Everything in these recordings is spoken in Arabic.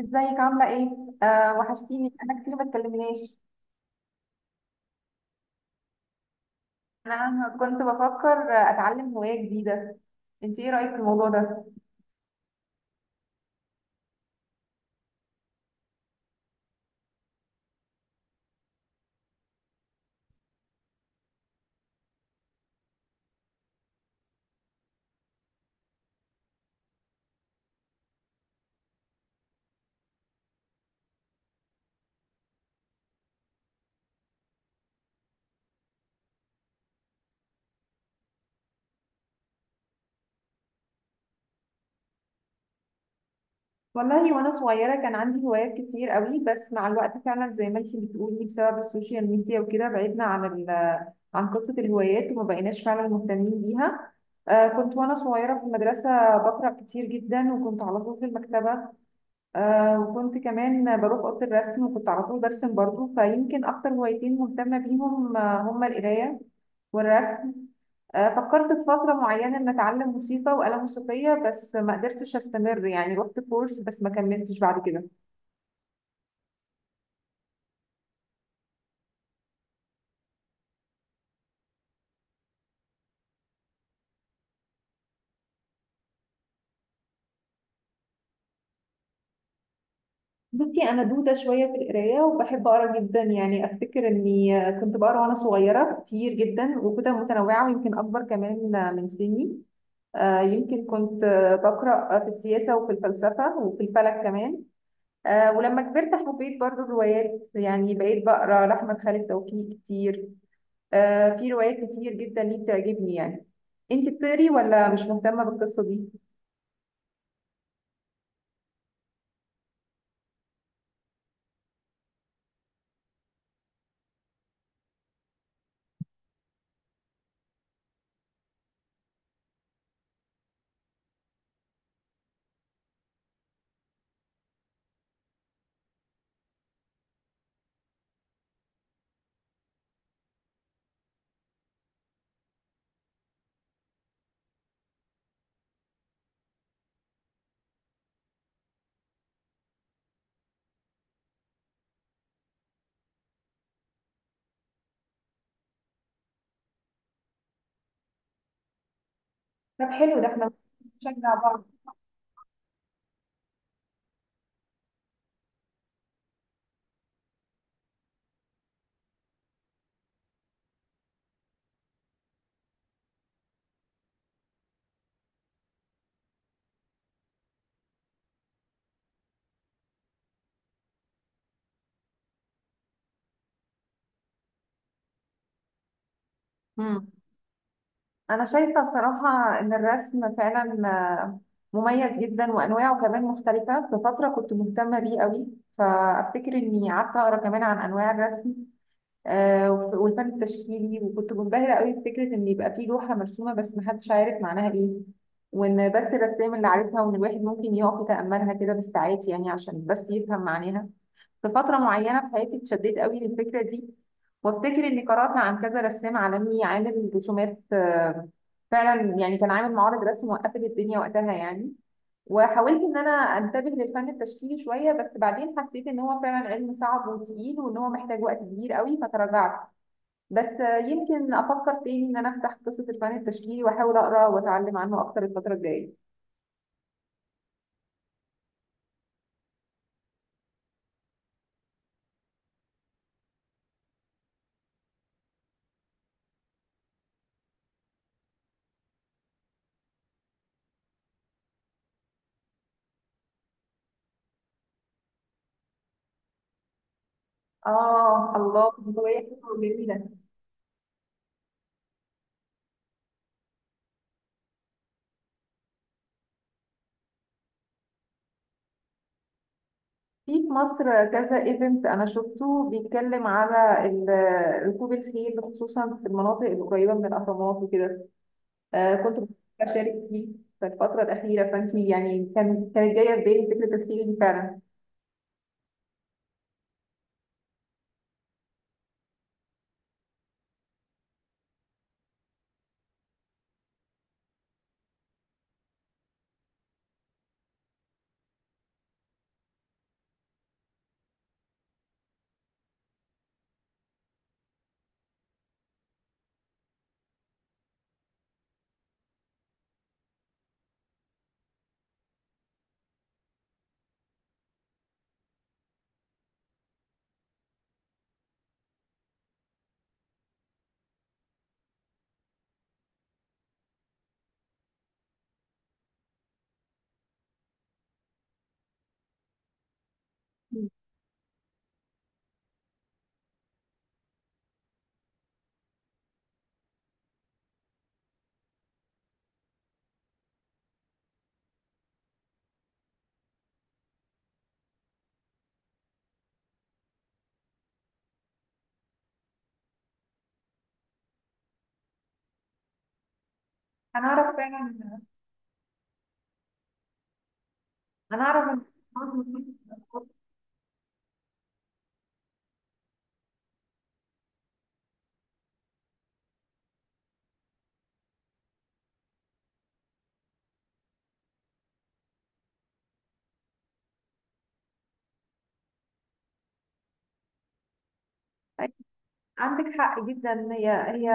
ازيك عاملة ايه؟ آه وحشتيني، انا كتير ما اتكلمناش. انا كنت بفكر اتعلم هواية جديدة، انت ايه رأيك في الموضوع ده؟ والله وانا صغيرة كان عندي هوايات كتير قوي، بس مع الوقت فعلا زي ما انت بتقولي بسبب السوشيال ميديا وكده بعدنا عن ال عن قصة الهوايات وما بقيناش فعلا مهتمين بيها. آه كنت وانا صغيرة في المدرسة بقرأ كتير جدا وكنت على طول في المكتبة. آه وكنت كمان بروح أوضة الرسم وكنت على طول برسم برضو، فيمكن أكتر هوايتين مهتمة بيهم هما القراية والرسم. آه فكرت في فترة معينة إن أتعلم موسيقى وآلة موسيقية، بس ما قدرتش أستمر، يعني رحت كورس بس ما كملتش بعد كده. بصي أنا دودة شوية في القراية وبحب أقرأ جدا، يعني أفتكر إني كنت بقرأ وأنا صغيرة كتير جدا وكتب متنوعة ويمكن أكبر كمان من سني. آه يمكن كنت بقرأ في السياسة وفي الفلسفة وفي الفلك كمان. آه ولما كبرت حبيت برضو الروايات، يعني بقيت بقرا لأحمد خالد توفيق كتير. آه في روايات كتير جدا ليه بتعجبني يعني. انت بتقري ولا مش مهتمة بالقصة دي؟ طب حلو، ده احنا نشجع بعض. مم. انا شايفة صراحة ان الرسم فعلا مميز جدا وانواعه كمان مختلفة، في فترة كنت مهتمة بيه قوي، فافتكر اني قعدت اقرا كمان عن انواع الرسم والفن التشكيلي، وكنت منبهرة قوي بفكرة ان يبقى في لوحة مرسومة بس محدش عارف معناها ايه، وان بس الرسام اللي عارفها، وان الواحد ممكن يقف يتأملها كده بالساعات يعني عشان بس يفهم معناها. في فترة معينة في حياتي اتشددت قوي للفكرة دي، وافتكر اني قرأت عن كذا رسام عالمي عامل رسومات فعلا يعني، كان عامل معارض رسم وقفت الدنيا وقتها يعني. وحاولت ان انا انتبه للفن التشكيلي شويه، بس بعدين حسيت ان هو فعلا علم صعب وتقيل وان هو محتاج وقت كبير قوي فتراجعت. بس يمكن افكر تاني ان انا افتح قصه الفن التشكيلي واحاول اقرا واتعلم عنه اكتر الفتره الجايه. اه الله، هواية حلوة جميلة. في في مصر كذا ايفنت انا شفته بيتكلم على ركوب الخيل خصوصا في المناطق القريبه من الاهرامات وكده. آه كنت بفكر اشارك فيه في الفتره الاخيره، فانتي يعني كانت جايه في بالي فكره الخيل دي فعلا. انا اعرف فعلا، انا اعرف ان مصر، عندك حق جدا. هي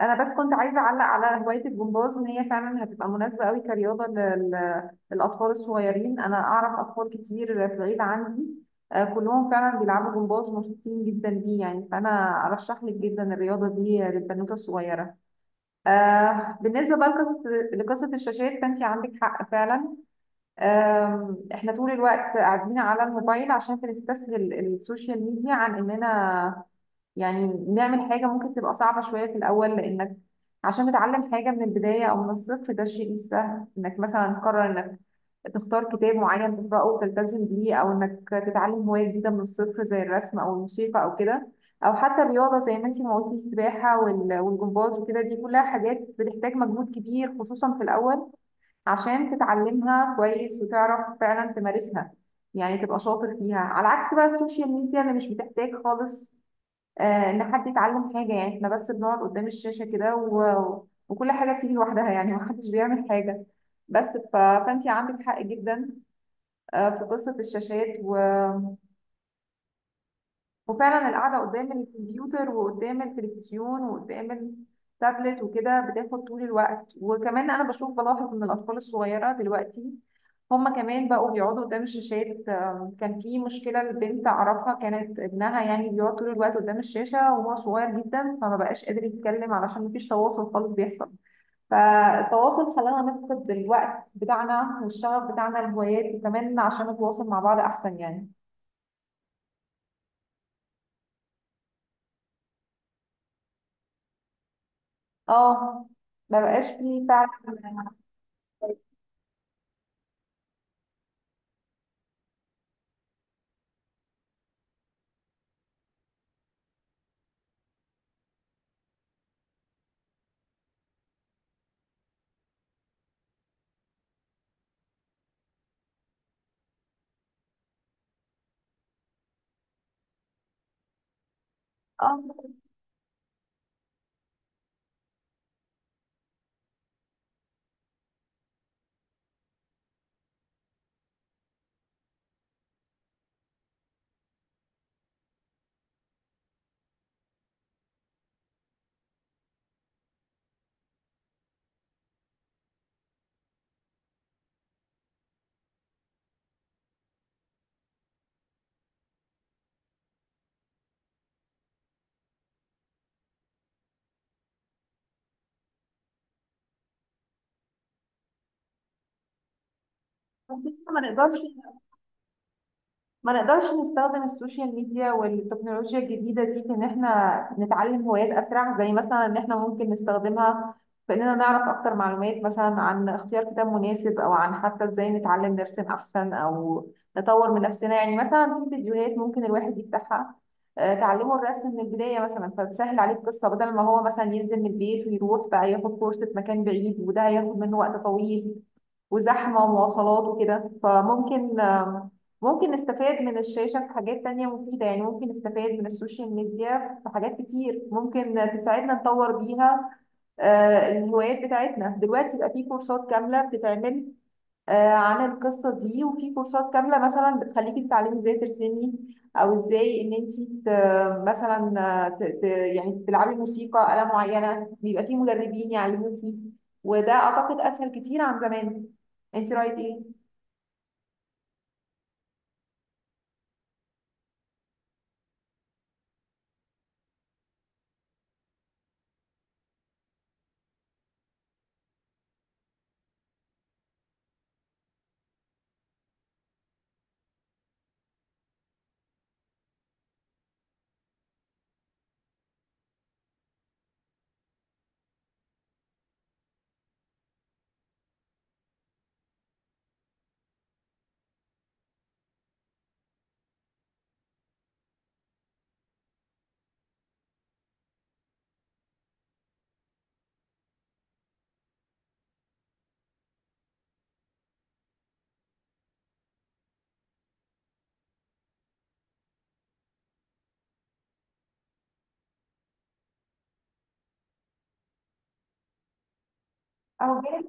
انا بس كنت عايزه اعلق على هوايه الجمباز، ان هي فعلا هتبقى مناسبه قوي كرياضه للاطفال الصغيرين. انا اعرف اطفال كتير في العيله عندي كلهم فعلا بيلعبوا جمباز ومبسوطين جدا بيه يعني، فانا ارشح لك جدا الرياضه دي للبنوته الصغيره. آه بالنسبه بقى لقصه الشاشات، فانت عندك حق فعلا. آه احنا طول الوقت قاعدين على الموبايل عشان بنستسهل السوشيال ميديا عن اننا يعني نعمل حاجة ممكن تبقى صعبة شوية في الأول، لأنك عشان تتعلم حاجة من البداية أو من الصفر ده الشيء مش سهل، إنك مثلا تقرر إنك تختار كتاب معين تقرأه وتلتزم بيه، أو إنك تتعلم هواية جديدة من الصفر زي الرسم أو الموسيقى أو كده، أو حتى الرياضة زي ما أنتي ما قلتي السباحة والجمباز وكده، دي كلها حاجات بتحتاج مجهود كبير خصوصا في الأول عشان تتعلمها كويس وتعرف فعلا تمارسها، يعني تبقى شاطر فيها. على عكس بقى السوشيال ميديا اللي مش بتحتاج خالص ان حد يتعلم حاجه، يعني احنا بس بنقعد قدام الشاشه كده و... وكل حاجه بتيجي لوحدها، يعني محدش بيعمل حاجه. بس ف... فانت عندك حق جدا في قصه الشاشات، و... وفعلا القعدة قدام الكمبيوتر وقدام التلفزيون وقدام التابلت وكده بتاخد طول الوقت. وكمان أنا بشوف بلاحظ إن الأطفال الصغيرة دلوقتي هما كمان بقوا بيقعدوا قدام الشاشات. كان في مشكلة لبنت أعرفها كانت ابنها يعني بيقعد طول الوقت قدام الشاشة وهو صغير جدا، فما بقاش قادر يتكلم علشان مفيش تواصل خالص بيحصل. فالتواصل خلانا نفقد الوقت بتاعنا والشغف بتاعنا الهوايات، وكمان عشان نتواصل مع بعض أحسن يعني. اه ما بقاش فيه فعلا. اه بس ما نقدرش، ما نقدرش نستخدم السوشيال ميديا والتكنولوجيا الجديدة دي في إن إحنا نتعلم هوايات أسرع؟ زي مثلا إن إحنا ممكن نستخدمها في إننا نعرف أكتر معلومات مثلا عن اختيار كتاب مناسب، أو عن حتى إزاي نتعلم نرسم أحسن أو نطور من نفسنا. يعني مثلا في فيديوهات ممكن الواحد يفتحها تعلمه الرسم من البداية مثلا، فتسهل عليه القصة بدل ما هو مثلا ينزل من البيت ويروح بقى ياخد كورس في مكان بعيد وده هياخد منه وقت طويل وزحمة ومواصلات وكده. فممكن ممكن نستفاد من الشاشة في حاجات تانية مفيدة، يعني ممكن نستفاد من السوشيال ميديا في حاجات كتير ممكن تساعدنا نطور بيها الهوايات بتاعتنا. دلوقتي بقى في كورسات كاملة بتتعمل عن القصة دي، وفي كورسات كاملة مثلا بتخليكي تتعلمي ازاي ترسمي، او ازاي ان انت مثلا يعني تلعبي موسيقى آلة معينة، بيبقى في مدربين يعلموكي، وده اعتقد اسهل كتير عن زمان. انت رايك ايه؟ اهو جاهز؟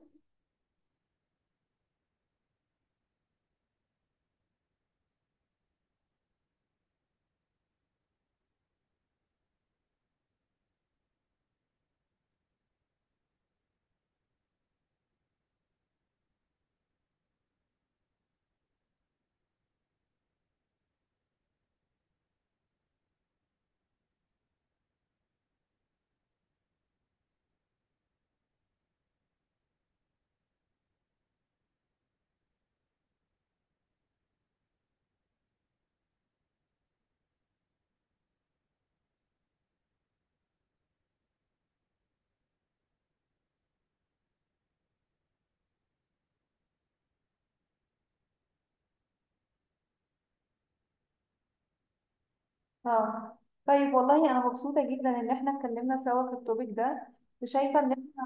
اه طيب، والله انا مبسوطة جدا ان احنا اتكلمنا سوا في التوبيك ده، وشايفة ان احنا،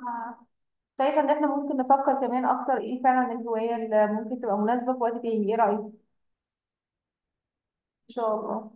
شايفة ان احنا ممكن نفكر كمان اكتر ايه فعلا الهواية اللي ممكن تبقى مناسبة في وقت تاني، ايه رأيك؟ ان شاء الله.